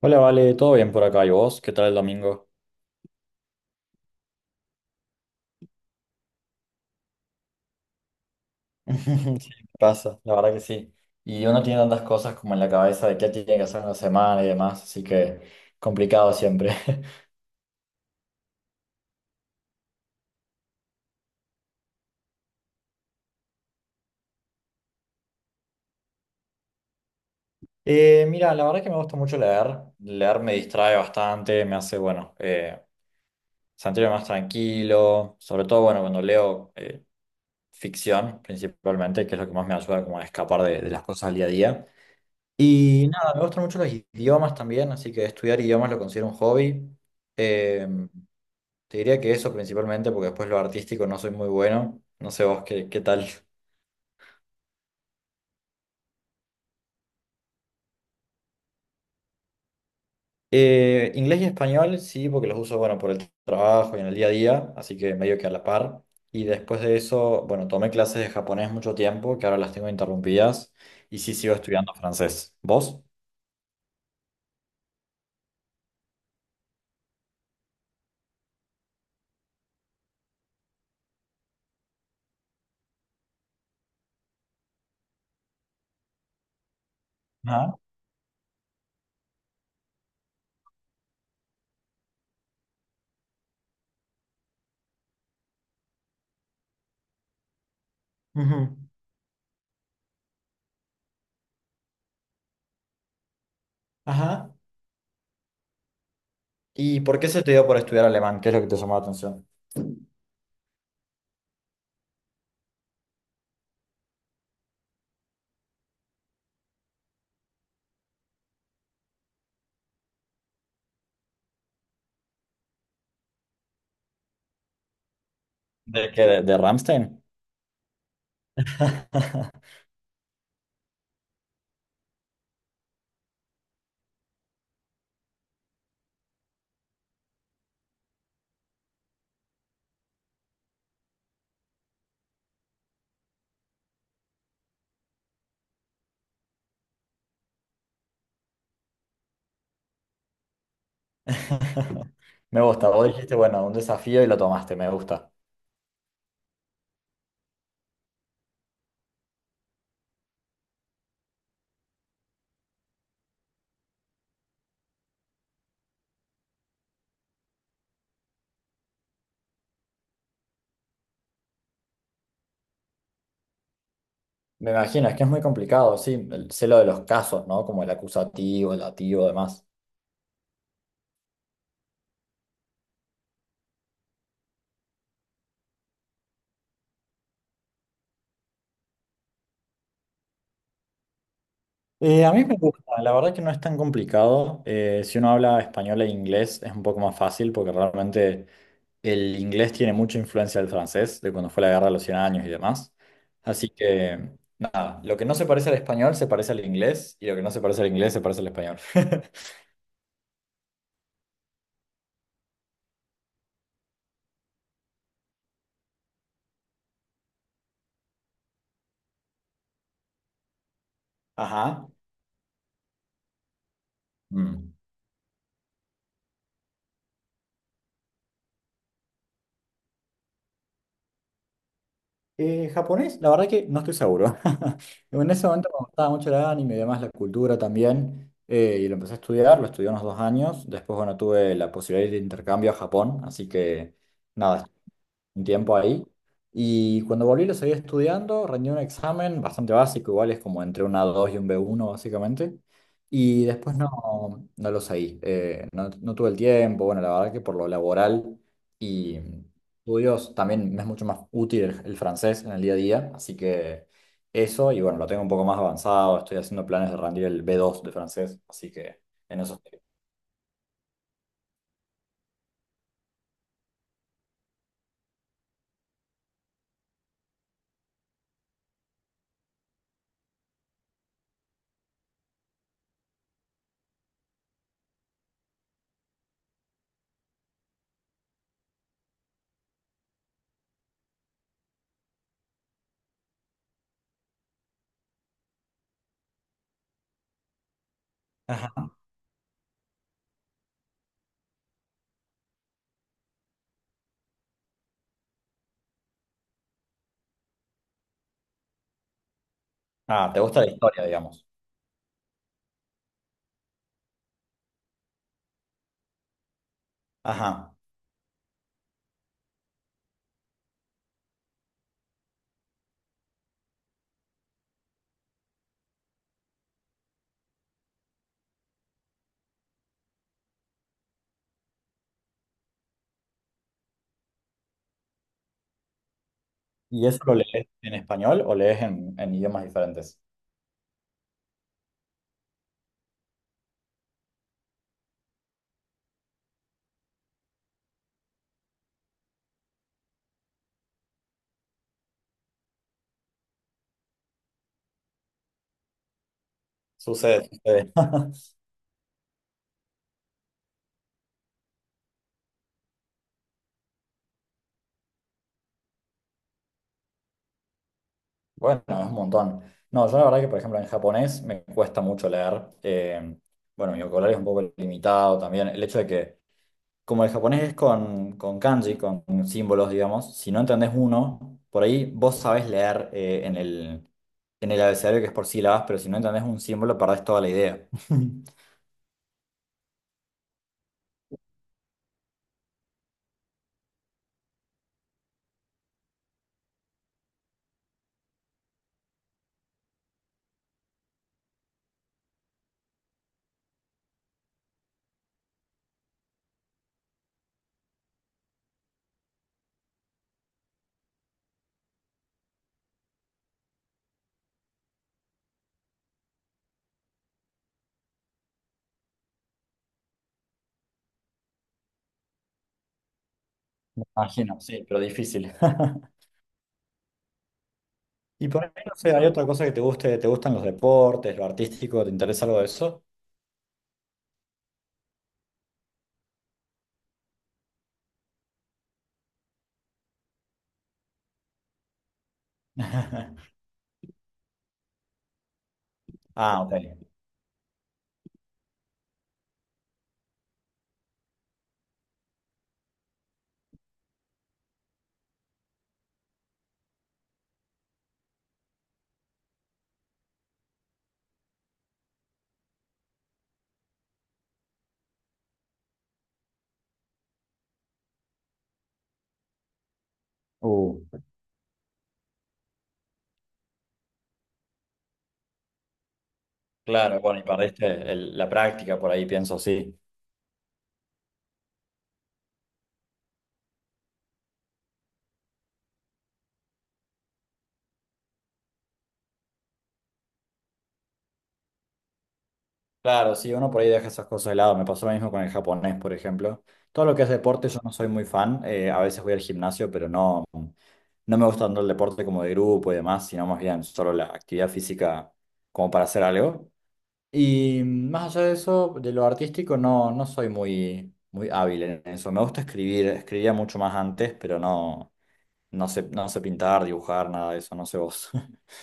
Hola, Vale, ¿todo bien por acá? ¿Y vos? ¿Qué tal el domingo? Sí, pasa, la verdad que sí. Y uno tiene tantas cosas como en la cabeza de qué tiene que hacer en la semana y demás, así que complicado siempre. Mira, la verdad que me gusta mucho leer. Leer me distrae bastante, me hace, bueno, sentirme más tranquilo, sobre todo, bueno, cuando leo ficción principalmente, que es lo que más me ayuda como a escapar de las cosas del día a día. Y nada, me gustan mucho los idiomas también, así que estudiar idiomas lo considero un hobby. Em, Te diría que eso principalmente, porque después lo artístico no soy muy bueno. No sé vos qué tal. Inglés y español, sí, porque los uso, bueno, por el trabajo y en el día a día, así que medio que a la par. Y después de eso, bueno, tomé clases de japonés mucho tiempo, que ahora las tengo interrumpidas, y sí sigo estudiando francés. ¿Vos? Ajá. Ujú. Ajá. ¿Y por qué se te dio por estudiar alemán? ¿Qué es lo que te llamó la atención? ¿De qué? ¿De Rammstein? Me gusta, vos dijiste, bueno, un desafío y lo tomaste, me gusta. Me imagino, es que es muy complicado, sí, el sé lo de los casos, ¿no? Como el acusativo, el dativo, demás. A mí me gusta, la verdad que no es tan complicado. Si uno habla español e inglés es un poco más fácil porque realmente el inglés tiene mucha influencia del francés, de cuando fue la guerra de los 100 años y demás. Así que, nada, lo que no se parece al español se parece al inglés y lo que no se parece al inglés se parece al español. Ajá. Mm. Japonés, la verdad que no estoy seguro. En ese momento me gustaba mucho el anime y demás, la cultura también, y lo empecé a estudiar, lo estudié unos 2 años. Después, bueno, tuve la posibilidad de ir de intercambio a Japón, así que nada, un tiempo ahí. Y cuando volví lo seguí estudiando, rendí un examen bastante básico, igual es como entre una 2 y un B1 básicamente. Y después no, no lo seguí, no, no tuve el tiempo, bueno, la verdad que por lo laboral y estudios también me es mucho más útil el francés en el día a día, así que eso, y bueno, lo tengo un poco más avanzado, estoy haciendo planes de rendir el B2 de francés, así que en eso estoy. Ajá. Ah, ¿te gusta la historia, digamos? Ajá. ¿Y eso lo lees en español o lees en idiomas diferentes? Sucede, sucede. Bueno, es un montón. No, yo la verdad que, por ejemplo, en japonés me cuesta mucho leer. Bueno, mi vocabulario es un poco limitado también. El hecho de que, como el japonés es con kanji, con símbolos, digamos, si no entendés uno, por ahí vos sabés leer en el abecedario que es por sílabas, pero si no entendés un símbolo, perdés toda la idea. Imagino, sí, pero difícil. Y por ahí, no sé, ¿hay otra cosa que te guste? ¿Te gustan los deportes, lo artístico? ¿Te interesa algo de eso? Ah, ok. Uh, claro, bueno, y perdiste la práctica por ahí, pienso, sí. Claro, sí, uno por ahí deja esas cosas de lado. Me pasó lo mismo con el japonés, por ejemplo. Todo lo que es deporte, yo no soy muy fan. A veces voy al gimnasio, pero no, no me gusta tanto el deporte como de grupo y demás, sino más bien solo la actividad física como para hacer algo. Y más allá de eso, de lo artístico, no, no soy muy, muy hábil en eso. Me gusta escribir, escribía mucho más antes, pero no, no sé, no sé pintar, dibujar, nada de eso, no sé vos.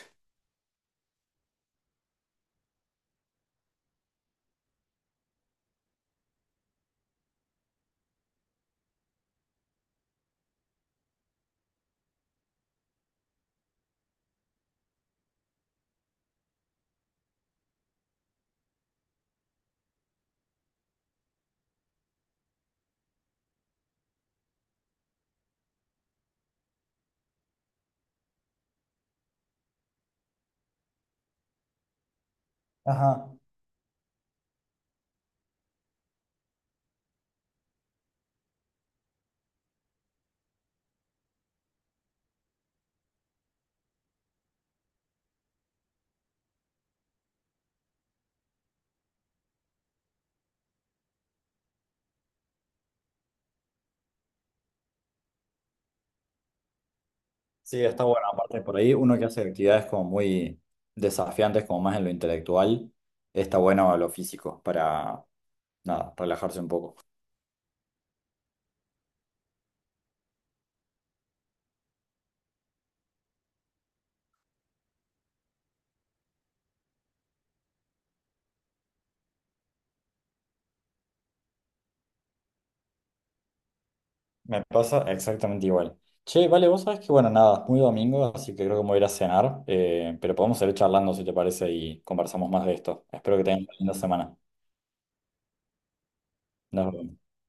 Ajá. Sí, está bueno. Aparte, por ahí uno que hace actividades como muy desafiantes, como más en lo intelectual, está bueno lo físico para, nada, relajarse un poco. Me pasa exactamente igual. Che, vale, vos sabés que, bueno, nada, es muy domingo, así que creo que me voy a ir a cenar, pero podemos seguir charlando si te parece y conversamos más de esto. Espero que tengas una linda semana. Nos vemos.